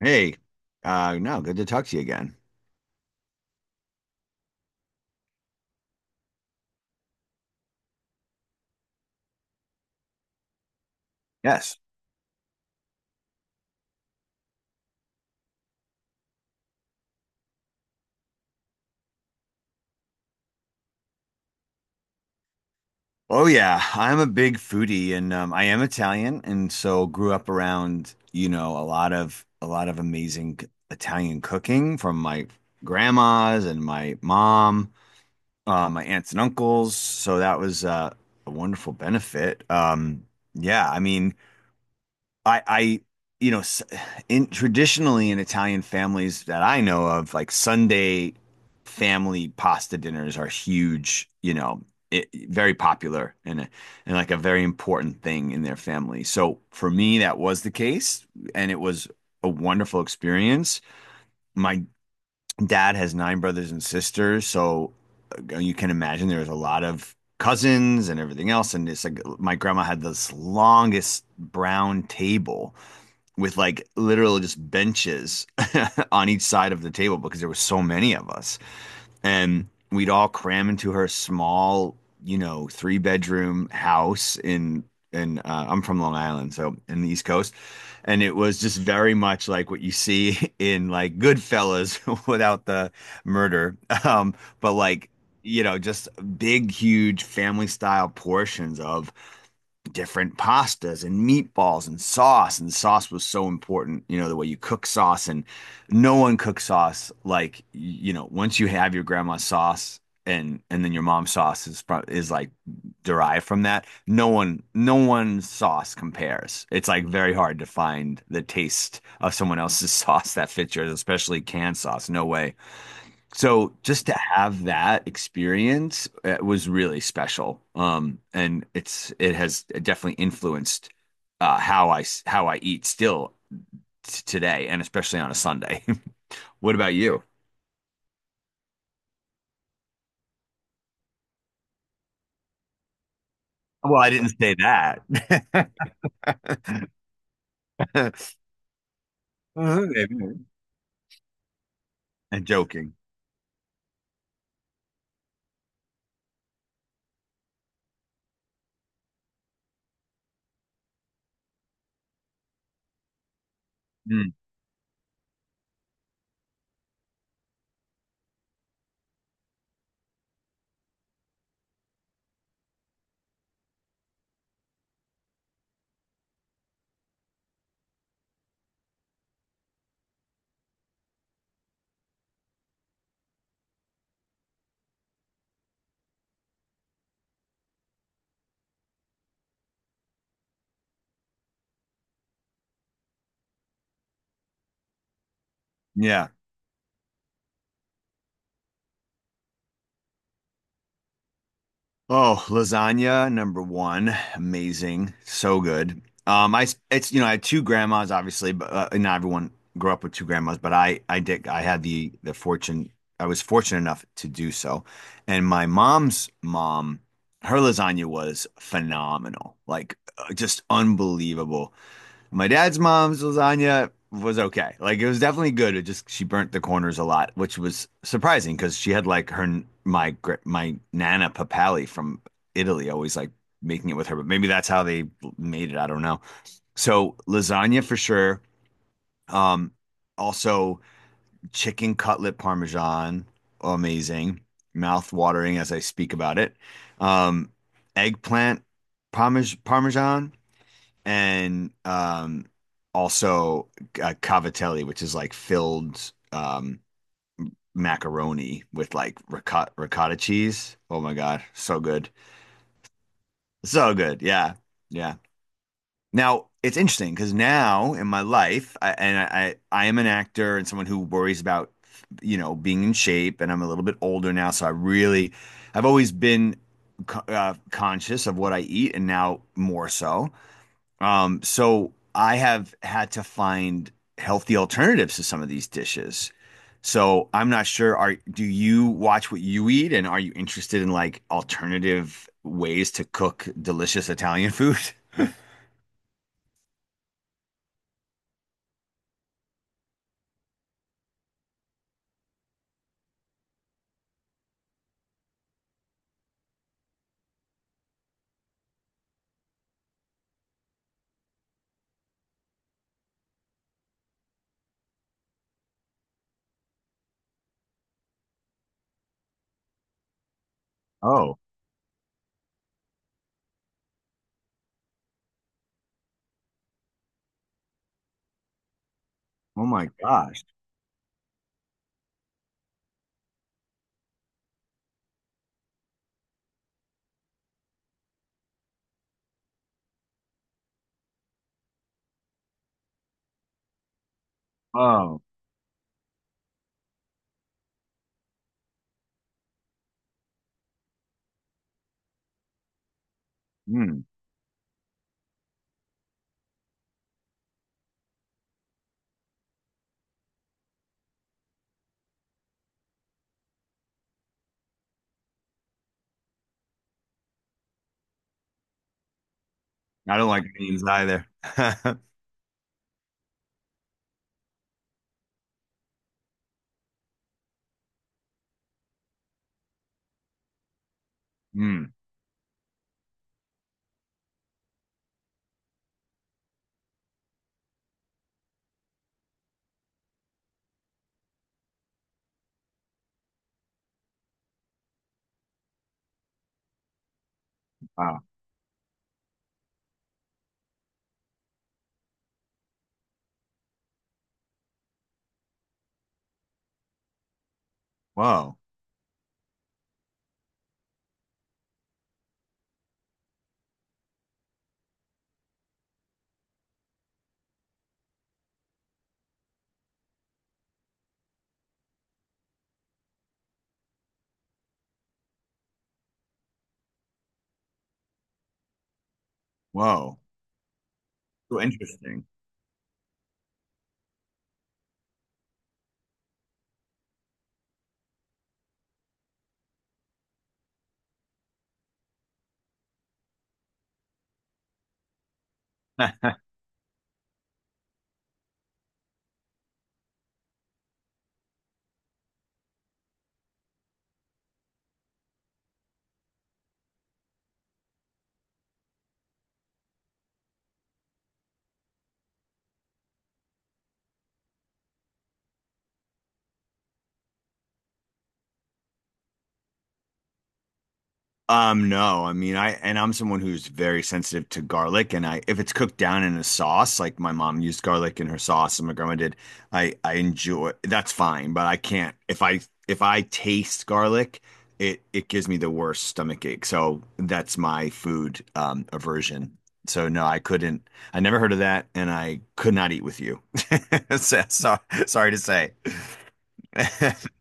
Hey, no, good to talk to you again. Yes. Oh yeah, I'm a big foodie and I am Italian, and so grew up around, a lot of amazing Italian cooking from my grandmas and my mom, my aunts and uncles. So that was a wonderful benefit. Yeah, I mean I, you know, s- in traditionally, in Italian families that I know of, like Sunday family pasta dinners are huge, very popular and like a very important thing in their family. So for me, that was the case, and it was a wonderful experience. My dad has nine brothers and sisters, so you can imagine there was a lot of cousins and everything else, and it's like my grandma had this longest brown table with like literally just benches on each side of the table because there were so many of us. And we'd all cram into her small, three-bedroom house in and I'm from Long Island, so in the East Coast. And it was just very much like what you see in like Goodfellas without the murder. Um, but like, just big, huge family style portions of different pastas and meatballs and sauce, and sauce was so important, the way you cook sauce, and no one cooks sauce. Like, once you have your grandma's sauce, and then your mom's sauce is like derived from that, no one's sauce compares. It's like very hard to find the taste of someone else's sauce that fits yours, especially canned sauce, no way. So just to have that experience, was really special. And it has definitely influenced how I eat still t today, and especially on a Sunday. What about you? Well, I didn't say that. Maybe. I'm joking. Mm, yeah. Oh, lasagna number one, amazing, so good. I it's you know I had two grandmas, obviously, but not everyone grew up with two grandmas, but I did, I had the fortune, I was fortunate enough to do so, and my mom's mom, her lasagna was phenomenal, like just unbelievable. My dad's mom's lasagna was okay. Like, it was definitely good. It just, she burnt the corners a lot, which was surprising because she had, like, my Nana Papali from Italy, always like making it with her. But maybe that's how they made it. I don't know. So lasagna for sure. Um, Also chicken cutlet parmesan, amazing. Mouth watering as I speak about it. Um, Eggplant parmesan, and also, cavatelli, which is like filled macaroni with like ricotta cheese. Oh my God, so good. So good. Yeah. Yeah. Now, it's interesting because now in my life, I am an actor and someone who worries about, being in shape, and I'm a little bit older now, so I really, I've always been conscious of what I eat, and now more so. So I have had to find healthy alternatives to some of these dishes. So I'm not sure, are do you watch what you eat, and are you interested in like alternative ways to cook delicious Italian food? Oh, oh my gosh. Oh, mm. I don't like beans either. Mm. Wow. Whoa. Whoa. So interesting. No, I mean, I'm someone who's very sensitive to garlic, and I if it's cooked down in a sauce, like my mom used garlic in her sauce, and my grandma did, I enjoy, that's fine. But I can't. If I taste garlic, it gives me the worst stomach ache. So that's my food aversion. So no, I couldn't. I never heard of that, and I could not eat with you. So, sorry to say.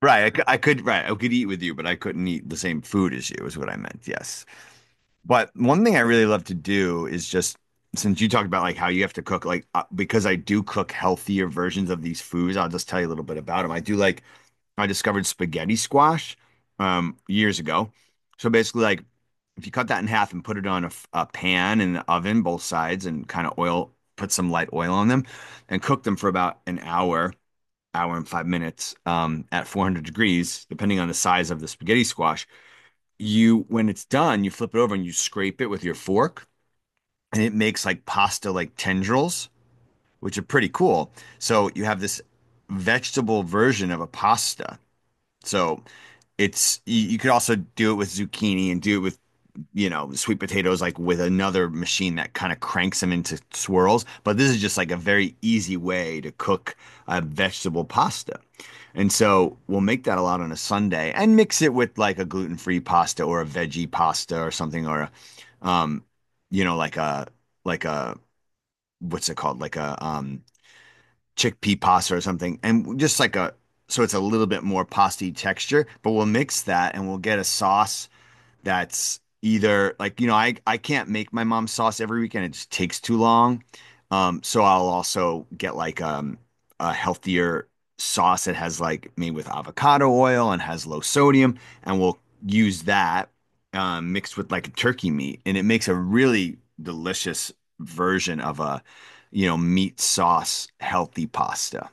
Right, I, c- I could right, I could eat with you, but I couldn't eat the same food as you, is what I meant. Yes. But one thing I really love to do is just, since you talked about like how you have to cook, like, because I do cook healthier versions of these foods, I'll just tell you a little bit about them. I do like I discovered spaghetti squash years ago. So basically, like, if you cut that in half and put it on a pan in the oven, both sides, and kind of oil, put some light oil on them, and cook them for about an hour, hour and 5 minutes, at 400 degrees, depending on the size of the spaghetti squash. You when it's done, you flip it over and you scrape it with your fork, and it makes like pasta like tendrils, which are pretty cool. So you have this vegetable version of a pasta. So you could also do it with zucchini, and do it with, sweet potatoes, like with another machine that kind of cranks them into swirls. But this is just like a very easy way to cook a vegetable pasta. And so we'll make that a lot on a Sunday and mix it with like a gluten-free pasta or a veggie pasta or something, or you know, like a like a what's it called? Like a chickpea pasta or something. And just like a, so it's a little bit more pasty texture, but we'll mix that and we'll get a sauce that's either, like, I can't make my mom's sauce every weekend, it just takes too long. So I'll also get, like, a healthier sauce that has, like, made with avocado oil and has low sodium, and we'll use that mixed with like turkey meat, and it makes a really delicious version of a meat sauce healthy pasta.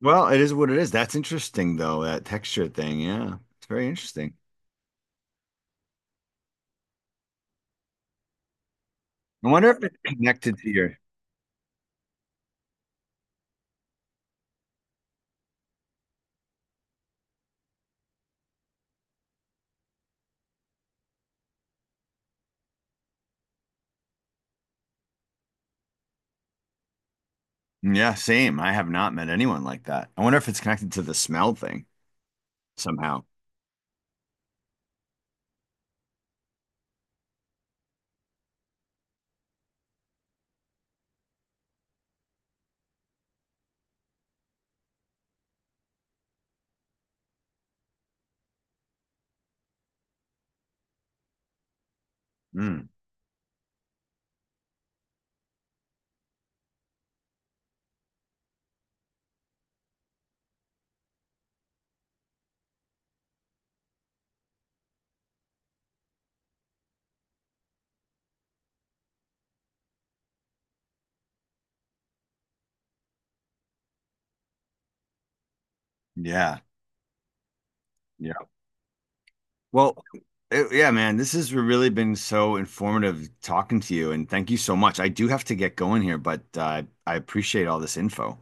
Well, it is what it is. That's interesting though, that texture thing. Yeah, it's very interesting. I wonder if it's connected to your. Yeah, same. I have not met anyone like that. I wonder if it's connected to the smell thing somehow. Mm, yeah, yeah. Well, yeah, man, this has really been so informative talking to you, and thank you so much. I do have to get going here, but I appreciate all this info.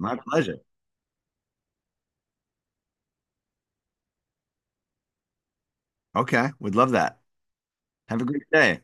My pleasure. Okay, would love that. Have a great day.